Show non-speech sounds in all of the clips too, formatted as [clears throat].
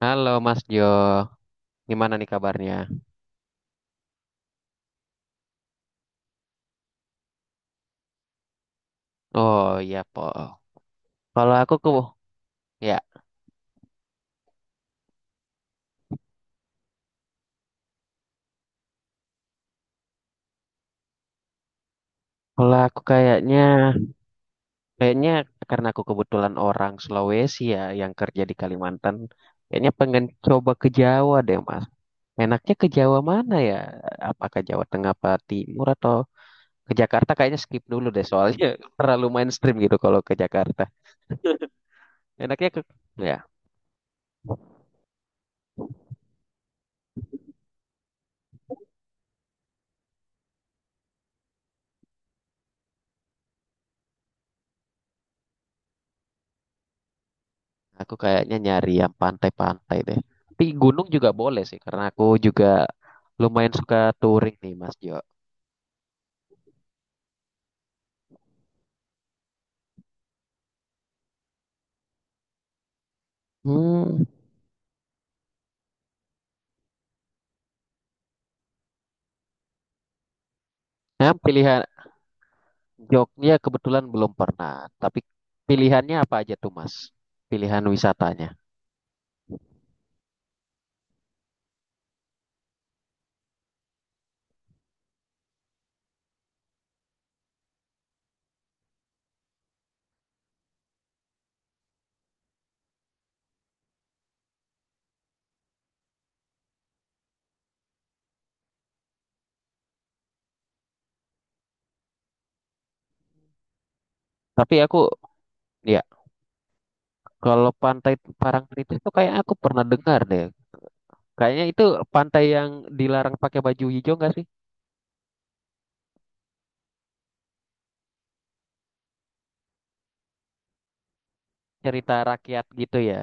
Halo Mas Jo, gimana nih kabarnya? Oh iya po. Kalau aku ke, ya kalau aku, kayaknya karena aku kebetulan orang Sulawesi ya yang kerja di Kalimantan, kayaknya pengen coba ke Jawa deh Mas. Enaknya ke Jawa mana ya? Apakah Jawa Tengah, apa Timur atau ke Jakarta? Kayaknya skip dulu deh soalnya [laughs] terlalu mainstream gitu kalau ke Jakarta. Enaknya ke, ya Aku kayaknya nyari yang pantai-pantai deh. Tapi gunung juga boleh sih, karena aku juga lumayan suka touring nih, Mas Jo. Hmm, nah, pilihan Jogja kebetulan belum pernah, tapi pilihannya apa aja tuh, Mas? Pilihan wisatanya. Tapi aku, ya, kalau pantai Parangtritis itu kayaknya aku pernah dengar deh. Kayaknya itu pantai yang dilarang pakai baju hijau nggak sih? Cerita rakyat gitu ya.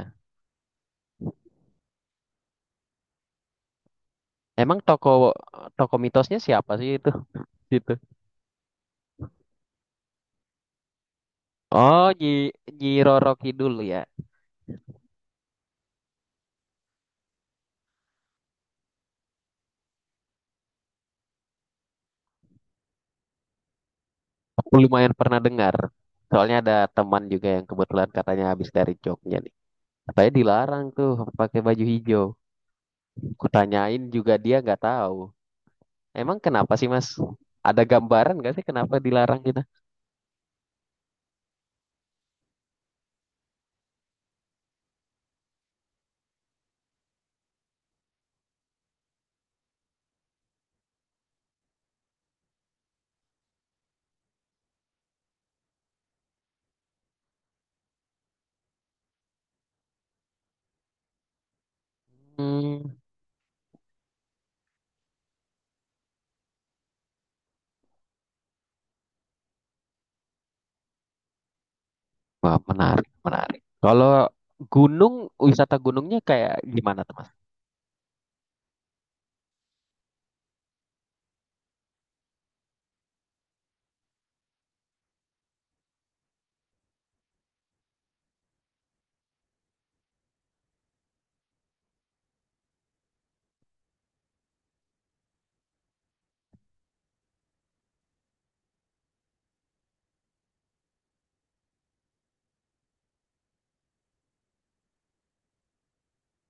Emang toko toko mitosnya siapa sih itu? Gitu. Oh, Nyi Roro Kidul ya. Aku lumayan pernah dengar. Soalnya ada teman juga yang kebetulan katanya habis dari Jogja nih. Katanya dilarang tuh pakai baju hijau. Kutanyain juga dia nggak tahu. Emang kenapa sih Mas? Ada gambaran nggak sih kenapa dilarang gitu? Hmm, wah, menarik, menarik. Kalau gunung, wisata gunungnya kayak gimana tuh Mas?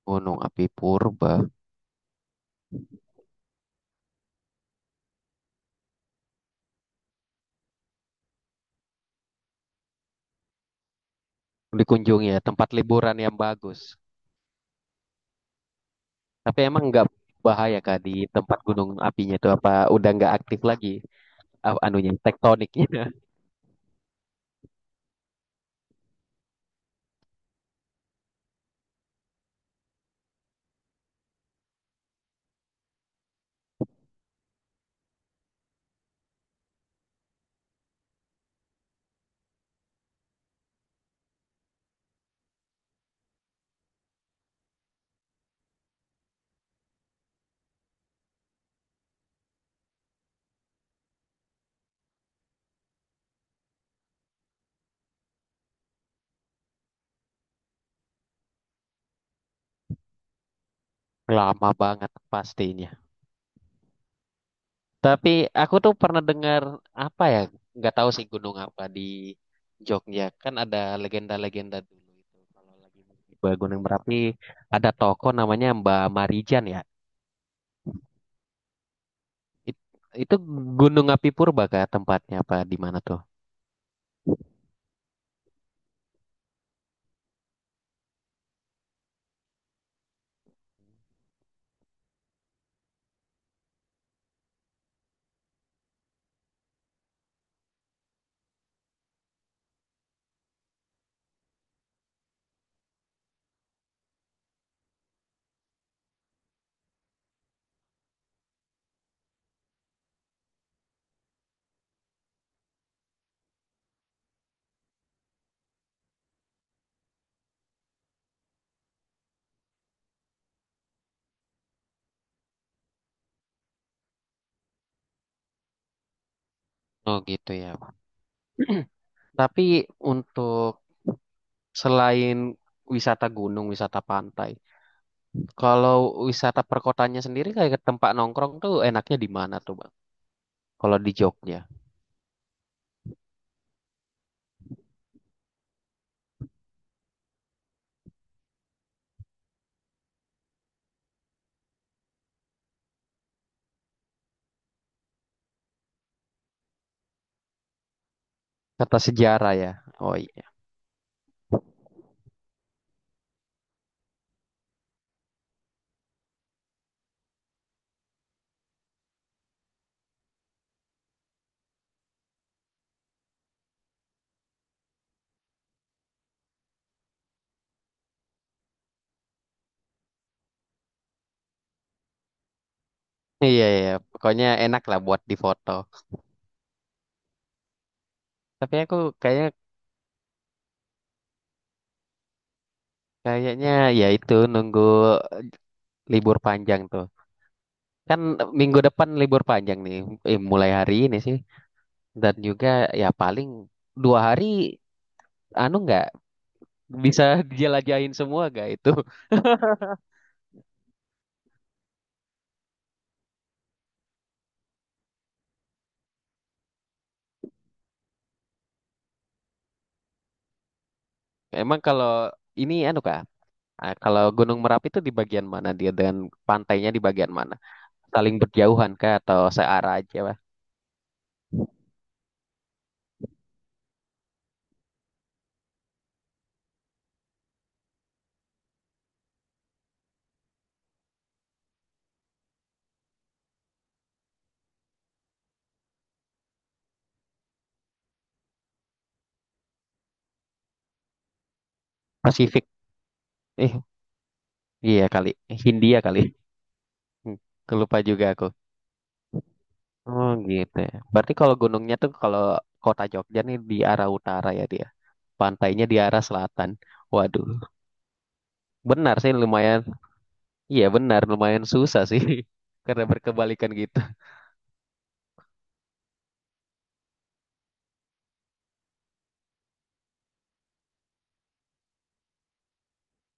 Gunung Api Purba dikunjungi ya, tempat liburan yang bagus. Tapi emang nggak bahaya kak di tempat gunung apinya itu apa udah nggak aktif lagi anunya tektoniknya [laughs] lama banget pastinya. Tapi aku tuh pernah dengar apa ya, nggak tahu sih gunung apa di Jogja, kan ada legenda-legenda dulu itu kalau lagi di Gunung Merapi ada toko namanya Mbak Marijan ya. It- itu Gunung Api Purba kah tempatnya apa di mana tuh? Oh gitu ya. [clears throat] Tapi untuk selain wisata gunung, wisata pantai, kalau wisata perkotanya sendiri kayak ke tempat nongkrong tuh enaknya di mana tuh Bang? Kalau di Jogja, kata sejarah ya. Oh iya. Iya iya, iya, pokoknya enak lah buat difoto. Tapi aku kayak kayaknya ya itu nunggu libur panjang tuh. Kan minggu depan libur panjang nih, mulai hari ini sih. Dan juga ya paling dua hari, anu nggak bisa [laughs] dijelajahin semua gak itu? [laughs] Emang kalau ini anu kak, kalau Gunung Merapi itu di bagian mana dia dan pantainya di bagian mana? Saling berjauhan kah atau searah aja? Pak? Pasifik, eh iya kali, Hindia kali. [laughs] Hmm, lupa juga aku. Oh gitu ya. Berarti kalau gunungnya tuh kalau kota Jogja nih di arah utara ya dia. Pantainya di arah selatan. Waduh. Benar sih lumayan. Iya benar lumayan susah sih. [laughs] Karena berkebalikan gitu.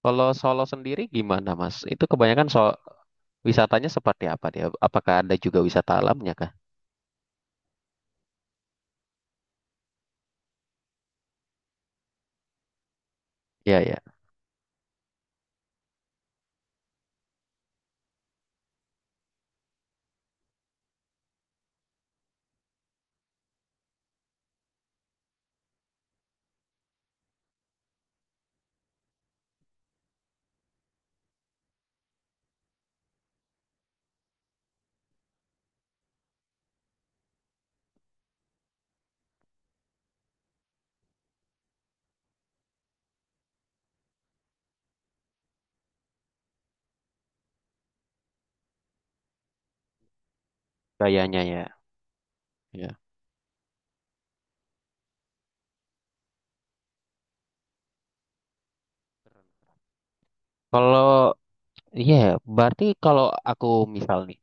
Kalau Solo sendiri gimana Mas? Itu kebanyakan wisatanya seperti apa dia? Apakah ada juga wisata alamnya kah? Ya ya. Gayanya ya. Ya. Kalau Iya, berarti kalau aku misal nih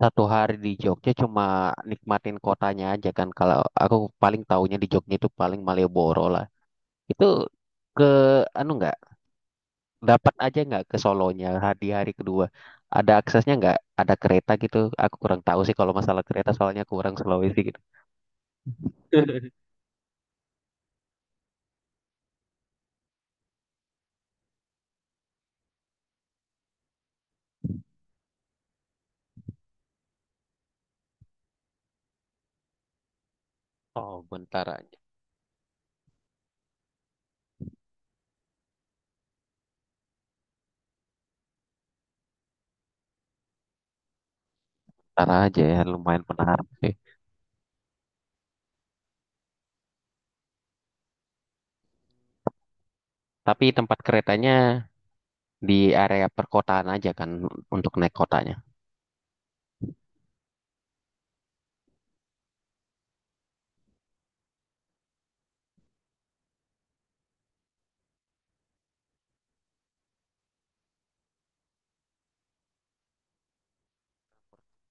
satu hari di Jogja cuma nikmatin kotanya aja kan. Kalau aku paling taunya di Jogja itu paling Malioboro lah. Itu ke anu nggak dapat aja nggak ke Solonya di hari kedua? Ada aksesnya nggak? Ada kereta gitu? Aku kurang tahu sih kalau masalah kereta soalnya aku kurang Sulawesi gitu. Oh, bentar aja. Bentar aja ya, lumayan menarik sih. Tapi tempat keretanya di area perkotaan aja kan untuk naik kotanya.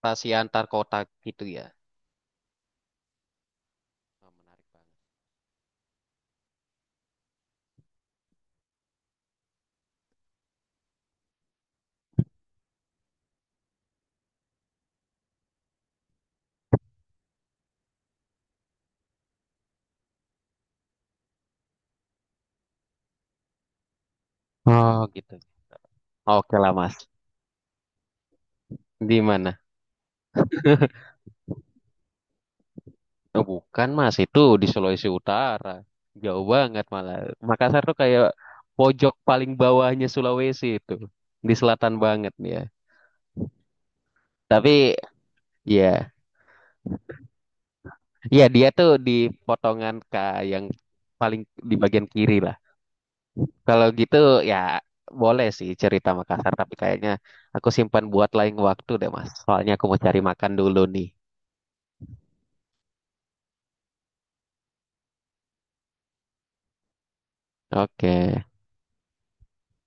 Transportasi antar kota gitu ya. Oh, menarik banget. Oh, gitu. Oke lah Mas. Di mana? Oh, bukan Mas, itu di Sulawesi Utara. Jauh banget malah. Makassar tuh kayak pojok paling bawahnya Sulawesi itu. Di selatan banget ya. Tapi ya, ya dia tuh di potongan K yang paling di bagian kiri lah. Kalau gitu ya boleh sih cerita Makassar, tapi kayaknya aku simpan buat lain waktu deh Mas. Soalnya aku mau cari makan dulu nih. Oke.